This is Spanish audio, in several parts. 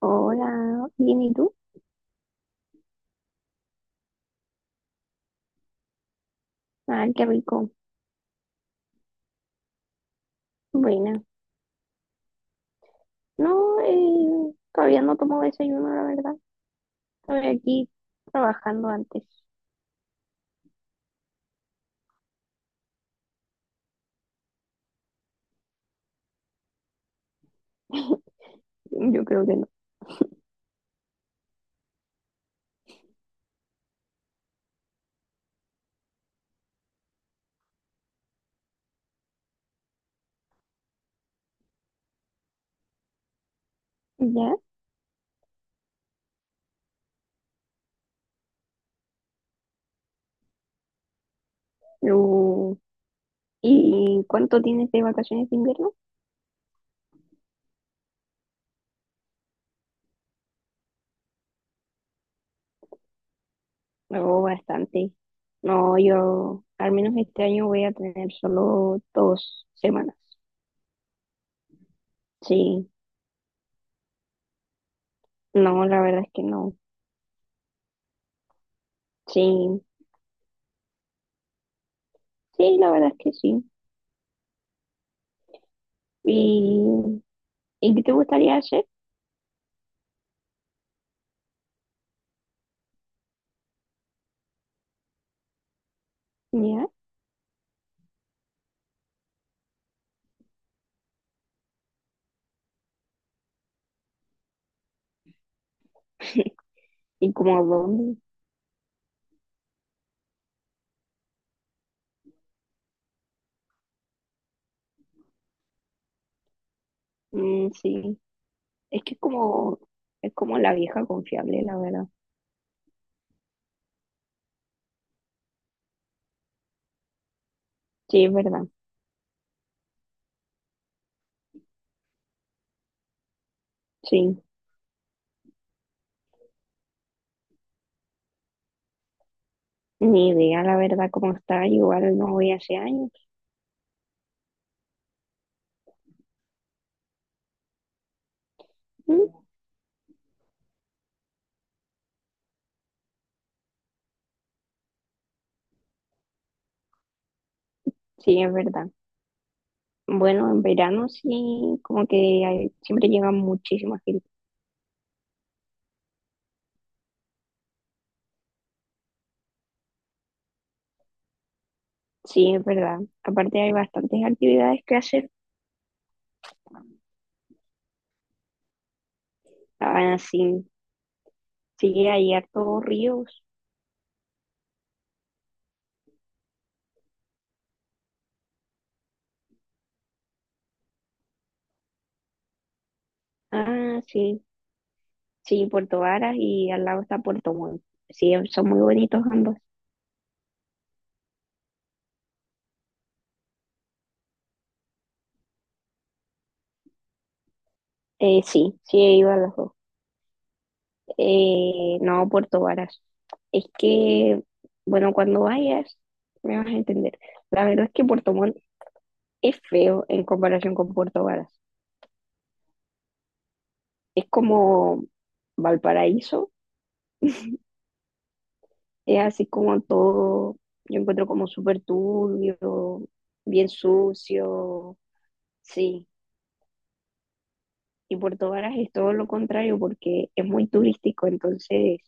Hola, bien, ¿y tú? Ay, qué rico. Buena. No, todavía no tomo desayuno, la verdad. Estoy aquí trabajando antes. Yo creo que no. ¿Ya? Uh, ¿Y cuánto tienes de vacaciones de invierno? No, bastante. No, yo al menos este año voy a tener solo 2 semanas. Sí, no, la verdad es que no. Sí, sí, la verdad es que sí. ¿Y, y qué te gustaría hacer? ¿Ya? ¿Y como dónde? Mm, sí, es que es como la vieja confiable, la verdad. Sí, es verdad, sí. Ni idea, la verdad, cómo está. Igual no voy hace años. Mm, sí, es verdad. Bueno, en verano sí, como que hay- siempre llega muchísima gente. Sí, es verdad. Aparte hay bastantes actividades que hacer. Ah, sí, sí, hay hartos ríos. Ah, sí, sí, Puerto Varas y al lado está Puerto Montt. Sí, son muy bonitos ambos. Sí, sí he ido a los dos. No, Puerto Varas. Es que, bueno, cuando vayas, me vas a entender. La verdad es que Puerto Montt es feo en comparación con Puerto Varas. Es como Valparaíso, es así como todo, yo encuentro como súper turbio, bien sucio, sí. Y Puerto Varas es todo lo contrario porque es muy turístico, entonces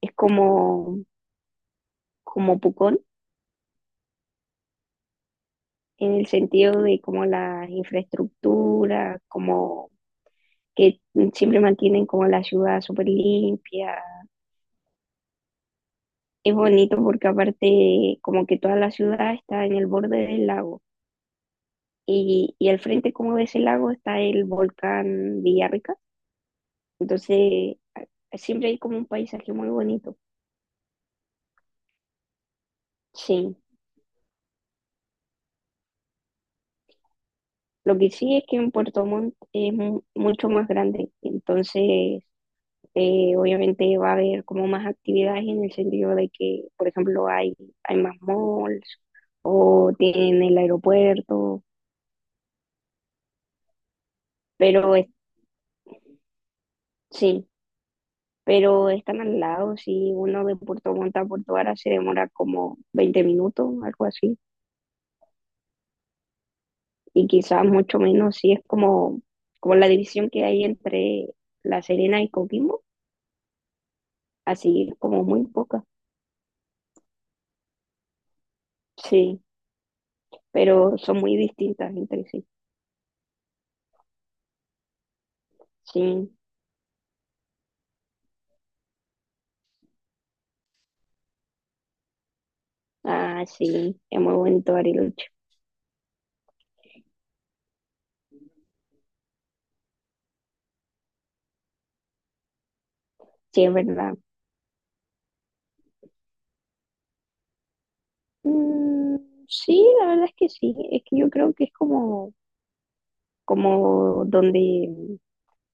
es como, como Pucón en el sentido de como la infraestructura, como que siempre mantienen como la ciudad súper limpia. Es bonito porque aparte como que toda la ciudad está en el borde del lago y al frente como de ese lago está el volcán Villarrica. Entonces a- siempre hay como un paisaje muy bonito. Sí, lo que sí es que en Puerto Montt es mu- mucho más grande. Entonces obviamente va a haber como más actividades en el sentido de que, por ejemplo, hay más malls o tienen el aeropuerto, pero es- sí, pero están al lado, si uno de Puerto Montt a Puerto Vara se demora como 20 minutos, algo así, y quizás mucho menos si es como, como la división que hay entre La Serena y Coquimbo, así es como muy poca, sí, pero son muy distintas entre sí, sí. Ah, sí, es muy bonito Ariel. Sí, es verdad. Mm, sí, la verdad es que sí. Es que yo creo que es como, como donde,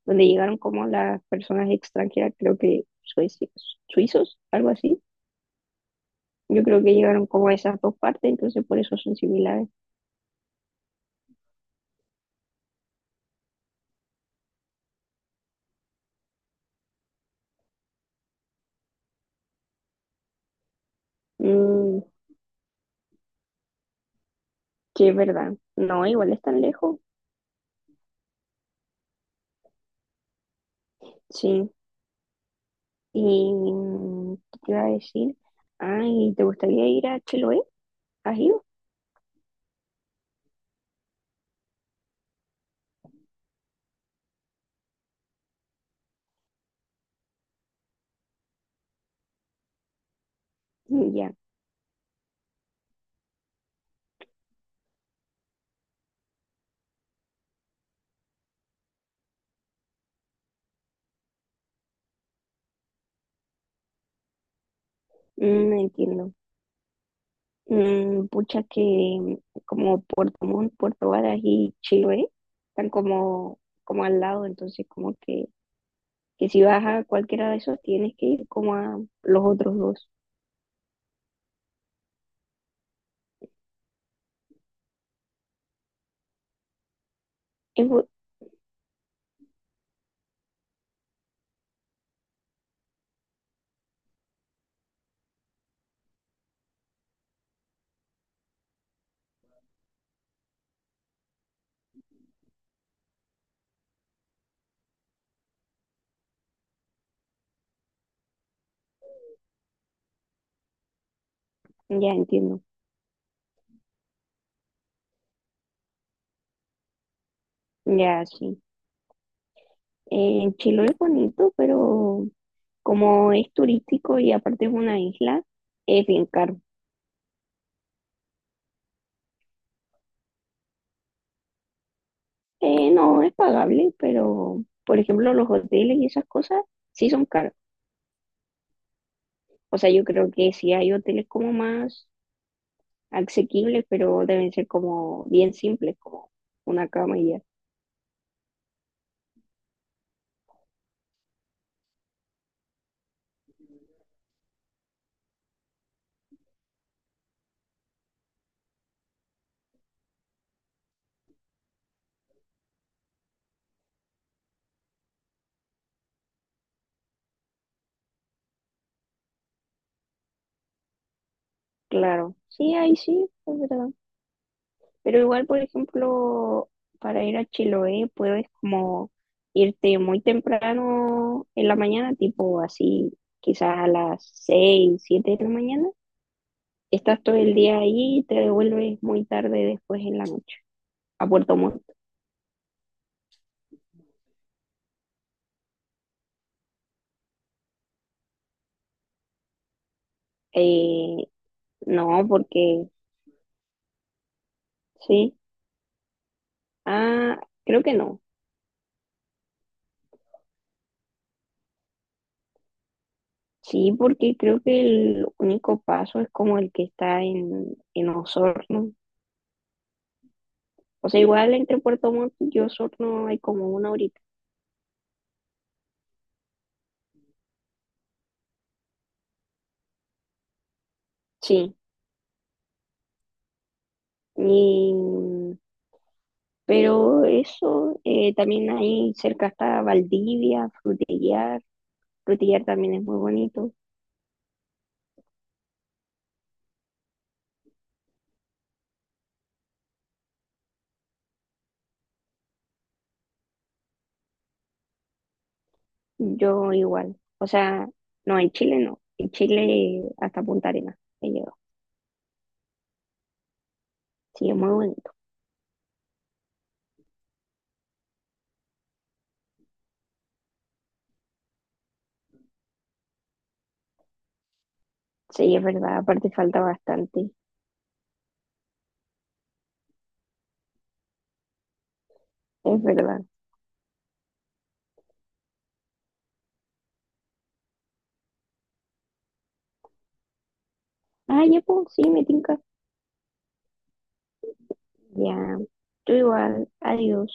donde llegaron como las personas extranjeras, creo que suecios, suizos, algo así. Yo creo que llegaron como a esas dos partes, entonces por eso son similares. Mm, sí, es verdad. No, igual están lejos. Sí. Y mm, ¿qué te iba a decir? Ay, ¿te gustaría ir a Chiloé? ¿Has ido? Mm, ya. Mm, entiendo. Mm, pucha que como Puerto Montt, Puerto Varas y Chiloé están como, como al lado, entonces como que si vas a cualquiera de esos tienes que ir como a los otros dos. Es bu- ya entiendo, ya sí. Chiloé es bonito, pero como es turístico y aparte es una isla, es bien caro. No, es pagable, pero por ejemplo los hoteles y esas cosas sí son caros. O sea, yo creo que sí hay hoteles como más asequibles, pero deben ser como bien simples, como una cama y ya. Claro, sí, ahí sí, es verdad. Pero igual, por ejemplo, para ir a Chiloé puedes como irte muy temprano en la mañana, tipo así, quizás a las 6 7 de la mañana. Estás todo el día ahí y te devuelves muy tarde después en la noche a Puerto Montt. Eh, no, porque sí. Ah, creo que no. Sí, porque creo que el único paso es como el que está en Osorno. O sea, igual entre Puerto Montt y Osorno hay como una horita. Sí, y, pero eso también ahí cerca está Valdivia, Frutillar. Frutillar también es muy bonito. Yo igual. O sea, no, en Chile no. En Chile hasta Punta Arenas he llegado. Sí, es muy bonito. Sí, es verdad. Aparte falta bastante. Es verdad. Ah, ya, pues, sí, me tinca. Ya, tú igual, adiós.